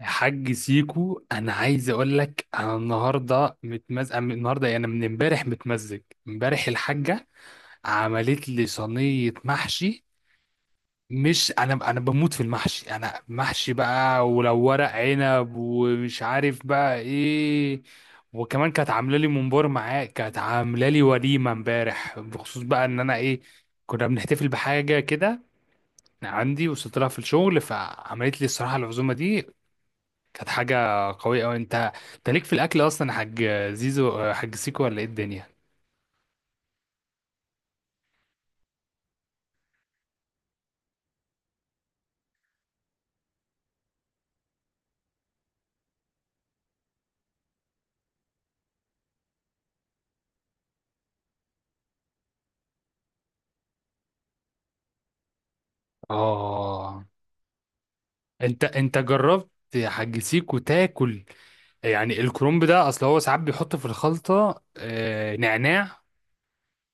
يا حاج سيكو، انا عايز اقول لك انا النهارده متمزج. أنا النهارده يعني من امبارح متمزج. امبارح الحاجه عملت لي صينيه محشي. مش انا بموت في المحشي، انا محشي بقى ولو ورق عنب ومش عارف بقى ايه. وكمان كانت عامله لي ممبار معاه، كانت عامله لي وليمه امبارح بخصوص بقى ان انا ايه، كنا بنحتفل بحاجه كده عندي وصلت لها في الشغل، فعملت لي الصراحه العزومه دي. كانت حاجة قوية أوي. أنت ليك في الأكل أصلا يا حاج زيزو، حاج سيكو، ولا إيه الدنيا؟ آه، أنت جربت يا حاج سيكو تاكل يعني الكرنب ده؟ أصل هو ساعات بيحط في الخلطة نعناع،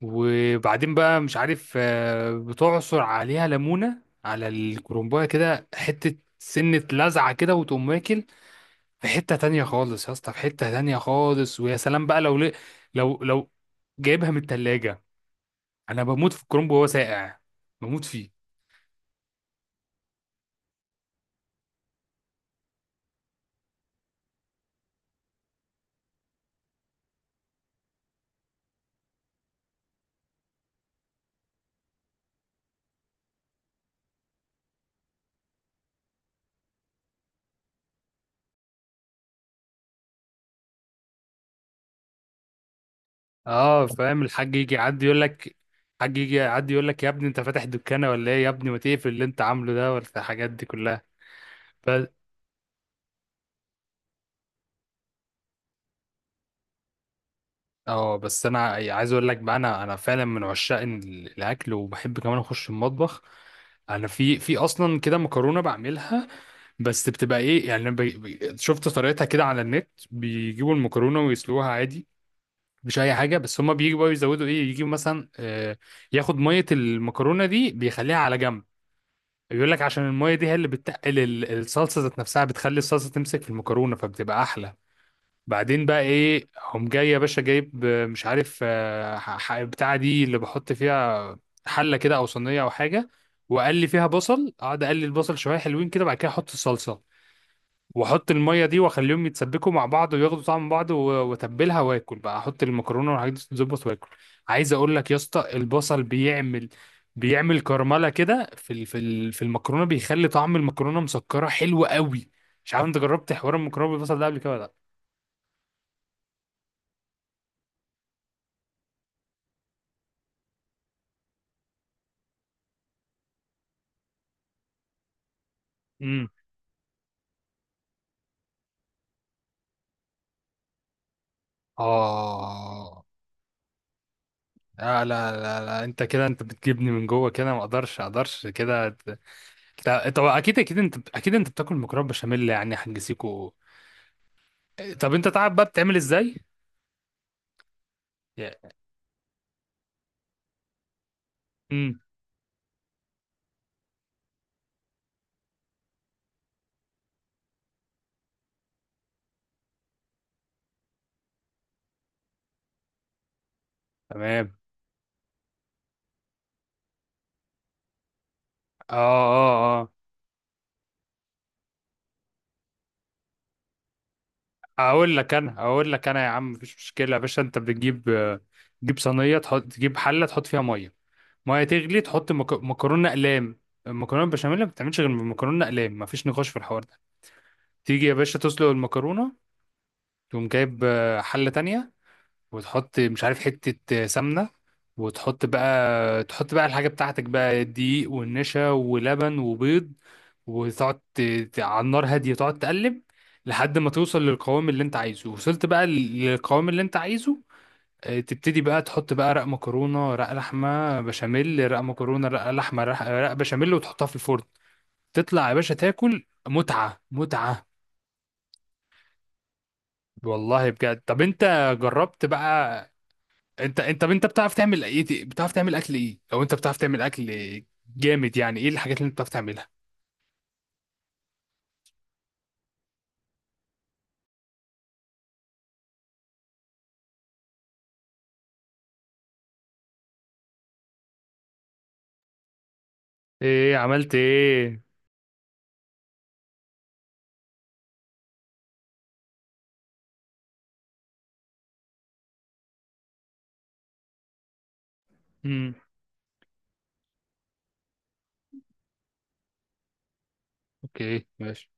وبعدين بقى مش عارف بتعصر عليها ليمونة على الكرنباية كده حتة سنة لزعة كده وتقوم واكل. في حتة تانية خالص يا اسطى، في حتة تانية خالص. ويا سلام بقى لو لو جايبها من التلاجة، انا بموت في الكرنب وهو ساقع، بموت فيه. اه، فاهم، الحاج يجي يعدي يقول لك، الحاج يجي يعدي يقول لك يا ابني انت فاتح دكانه ولا ايه، يا ابني ما تقفل اللي انت عامله ده ولا الحاجات دي كلها. بس اه، بس انا يعني عايز اقول لك بقى، انا فعلا من عشاق الاكل، وبحب كمان اخش المطبخ. انا في اصلا كده مكرونه بعملها، بس بتبقى ايه يعني شفت طريقتها كده على النت، بيجيبوا المكرونه ويسلوها عادي، مش اي حاجه. بس هما بيجوا بقى يزودوا ايه، يجيبوا مثلا ياخد ميه المكرونه دي بيخليها على جنب، بيقول لك عشان الميه دي هي اللي بتتقل الصلصه ذات نفسها، بتخلي الصلصه تمسك في المكرونه فبتبقى احلى. بعدين بقى ايه، هم جاي يا باشا جايب مش عارف بتاع دي اللي بحط فيها، حله كده او صينيه او حاجه، وقلي فيها بصل، اقعد اقلي البصل شويه حلوين كده، بعد كده احط الصلصه، واحط الميه دي، واخليهم يتسبكوا مع بعض وياخدوا طعم بعض، واتبلها، واكل بقى احط المكرونه والحاجات دي تتظبط واكل. عايز اقول لك يا اسطى، البصل بيعمل، بيعمل كرمله كده في في المكرونه، بيخلي طعم المكرونه مسكره حلو قوي. مش عارف انت جربت حوار المكرونه بالبصل ده قبل كده ولا لا؟ امم اه، لا انت كده، انت بتجيبني من جوه كده، ما اقدرش كده طب اكيد انت، اكيد انت بتاكل مكرونه بشاميل يعني هنجسيكوا. طب انت تعرف بقى بتعمل ازاي؟ امم، تمام. اه اه اه، اقول لك انا، اقول لك انا يا عم، مفيش مشكله يا باشا، انت بتجيب تجيب صينيه، تحط، تجيب حله، تحط فيها ميه، ميه تغلي، تحط مكرونه اقلام. المكرونه البشاميل ما بتعملش غير من مكرونه اقلام، مفيش نقاش في الحوار ده. تيجي يا باشا تسلق المكرونه، تقوم جايب حله تانية، وتحط مش عارف حتة سمنة، وتحط بقى، تحط بقى الحاجة بتاعتك بقى، دقيق والنشا ولبن وبيض، وتقعد على النار هادية تقعد تقلب لحد ما توصل للقوام اللي انت عايزه. وصلت بقى للقوام اللي انت عايزه، تبتدي بقى تحط بقى رق مكرونة رق لحمة بشاميل رق مكرونة رق لحمة رق بشاميل، وتحطها في الفرن، تطلع يا باشا تاكل متعة متعة. والله بجد. طب انت جربت بقى؟ انت طب انت بتعرف تعمل ايه، بتعرف تعمل اكل ايه؟ لو انت بتعرف تعمل اكل جامد يعني، ايه الحاجات اللي انت بتعرف تعملها؟ ايه، عملت ايه؟ امم، اوكي ماشي.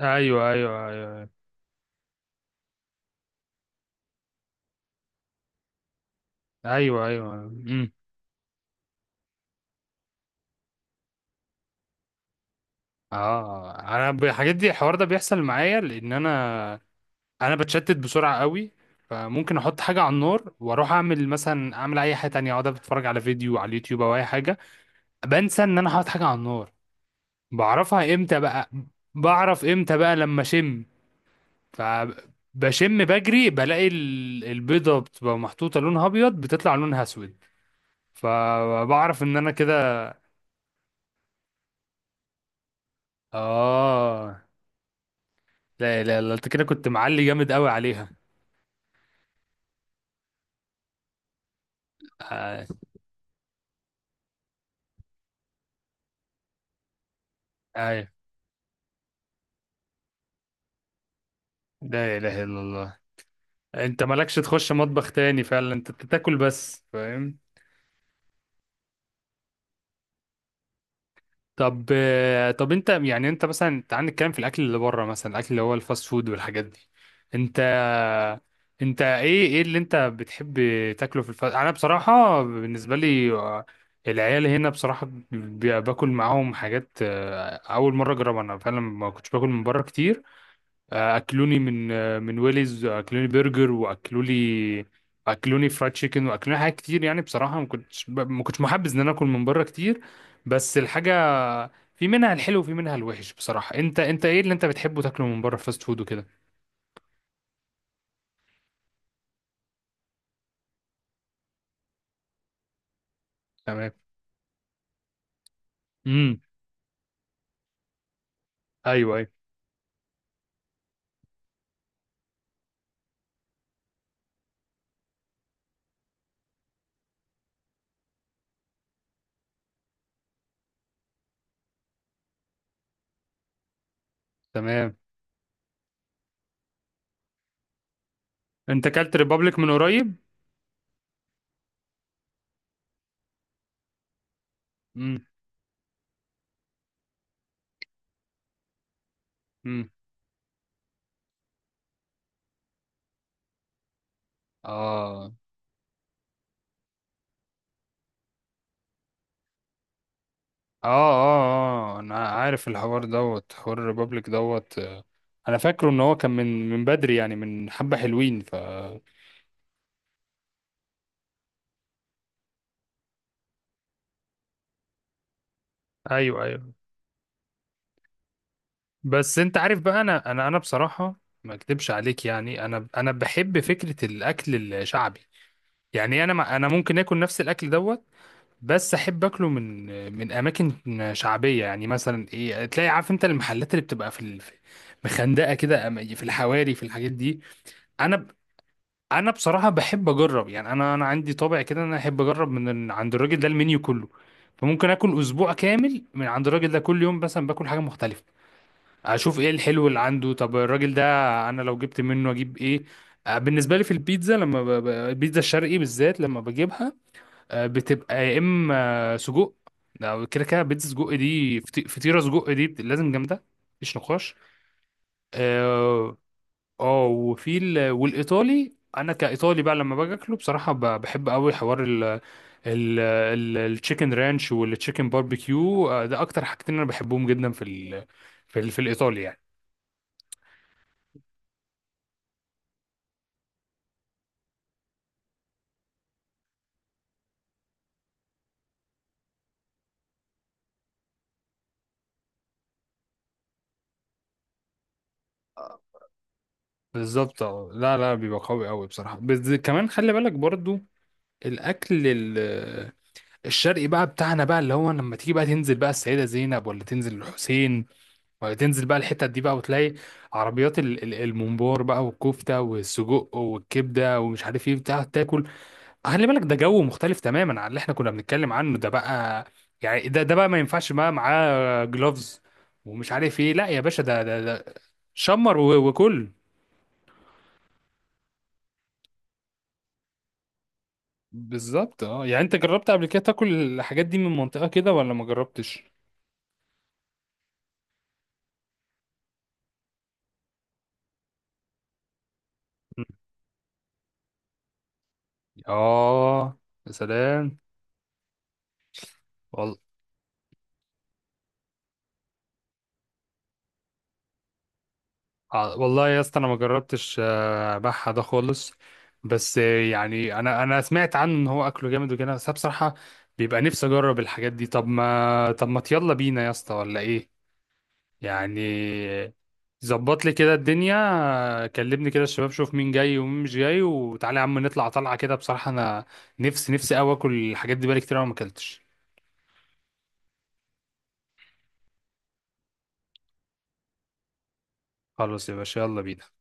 ايوه ايوه ايوه. ايوه ايوه. امم. اه، الحاجات دي، الحوار ده بيحصل معايا لان انا، انا بتشتت بسرعه قوي، فممكن احط حاجه على النار واروح اعمل مثلا، اعمل اي حاجه تانية، اقعد اتفرج على فيديو على اليوتيوب او اي حاجه، بنسى ان انا حاطط حاجه على النار. بعرفها امتى بقى، بعرف امتى بقى، لما اشم، فبشم بجري بلاقي البيضة بتبقى محطوطة لونها أبيض بتطلع لونها أسود، فبعرف إن أنا كده. آه، لا أنت كده، كنت معلي جامد قوي عليها. آه، أيوه. لا إله إلا الله. أنت مالكش تخش مطبخ تاني فعلا، أنت بتاكل بس، فاهم؟ طب طب انت يعني، انت مثلا تعال نتكلم في الاكل اللي بره، مثلا الاكل اللي هو الفاست فود والحاجات دي. انت، انت ايه اللي انت بتحب تاكله في الفاست؟ انا بصراحه بالنسبه لي العيال هنا بصراحه باكل معاهم حاجات اول مره اجربها. انا فعلا ما كنتش باكل من بره كتير، اكلوني من من ويليز، اكلوني برجر، واكلولي اكلوني فرايد تشيكن، واكلوني حاجات كتير. يعني بصراحه ما كنتش محبذ ان انا اكل من بره كتير، بس الحاجه في منها الحلو وفي منها الوحش بصراحه. انت، انت ايه اللي انت بتحبه تاكله من بره فاست فود وكده؟ تمام. امم. ايوه ايوه. تمام. انت اكلت ريبابليك من قريب؟ امم. امم. اه اه اه اه، انا عارف الحوار دوت، حوار الريبابليك دوت، انا فاكره ان هو كان من من بدري، يعني من حبة حلوين. ف ايوه ايوه. بس انت عارف بقى، انا انا بصراحة ما اكدبش عليك، يعني انا بحب فكرة الاكل الشعبي. يعني انا، ما انا ممكن اكل نفس الاكل دوت، بس احب اكله من من اماكن شعبية يعني. مثلا ايه، تلاقي عارف انت، المحلات اللي بتبقى في مخندقة كده، في الحواري في الحاجات دي. انا انا بصراحه بحب اجرب، يعني انا عندي طابع كده ان انا احب اجرب من عند الراجل ده المنيو كله، فممكن اكل اسبوع كامل من عند الراجل ده، كل يوم مثلا باكل حاجه مختلفه، اشوف ايه الحلو اللي عنده. طب الراجل ده انا لو جبت منه اجيب ايه؟ بالنسبه لي في البيتزا، لما البيتزا الشرقي بالذات لما بجيبها، بتبقى يا اما سجق، ده كده كده بيتزا سجق دي، فطيره سجق دي لازم جامده، مفيش نقاش. آه، اه. وفي والايطالي، انا كايطالي بقى لما باجي اكله بصراحه، بحب قوي حوار ال التشيكن رانش والتشيكن باربيكيو، ده اكتر حاجتين انا بحبهم جدا في ال في, ال في الايطالي يعني. بالظبط. اه، لا لا، بيبقى قوي قوي بصراحه. بس كمان خلي بالك برضو الاكل الشرقي بقى بتاعنا بقى، اللي هو لما تيجي بقى تنزل بقى السيده زينب، ولا تنزل الحسين، وتنزل بقى الحتت دي بقى، وتلاقي عربيات الممبار بقى، والكفتة والسجق والكبدة ومش عارف ايه بتاع تاكل. خلي بالك ده جو مختلف تماما عن اللي احنا كنا بنتكلم عنه ده بقى. يعني ده ده بقى ما ينفعش بقى معاه جلوفز ومش عارف ايه. لا يا باشا، ده شمر وكل. بالظبط. اه، يعني انت جربت قبل كده تاكل الحاجات دي من منطقة كده ولا ما جربتش؟ اه. يا سلام. والله. والله يا اسطى، انا ما جربتش بحة ده خالص، بس يعني انا سمعت عنه ان هو اكله جامد وكده، بس أنا بصراحة بيبقى نفسي اجرب الحاجات دي. طب ما، طب ما يلا بينا يا اسطى ولا ايه يعني؟ ظبط لي كده الدنيا، كلمني كده الشباب، شوف مين جاي ومين مش جاي، وتعالى يا عم نطلع طلعة كده. بصراحة انا نفسي، نفسي قوي اكل الحاجات دي، بقالي كتير أوي ما اكلتش. خلاص يا باشا، يلا بينا.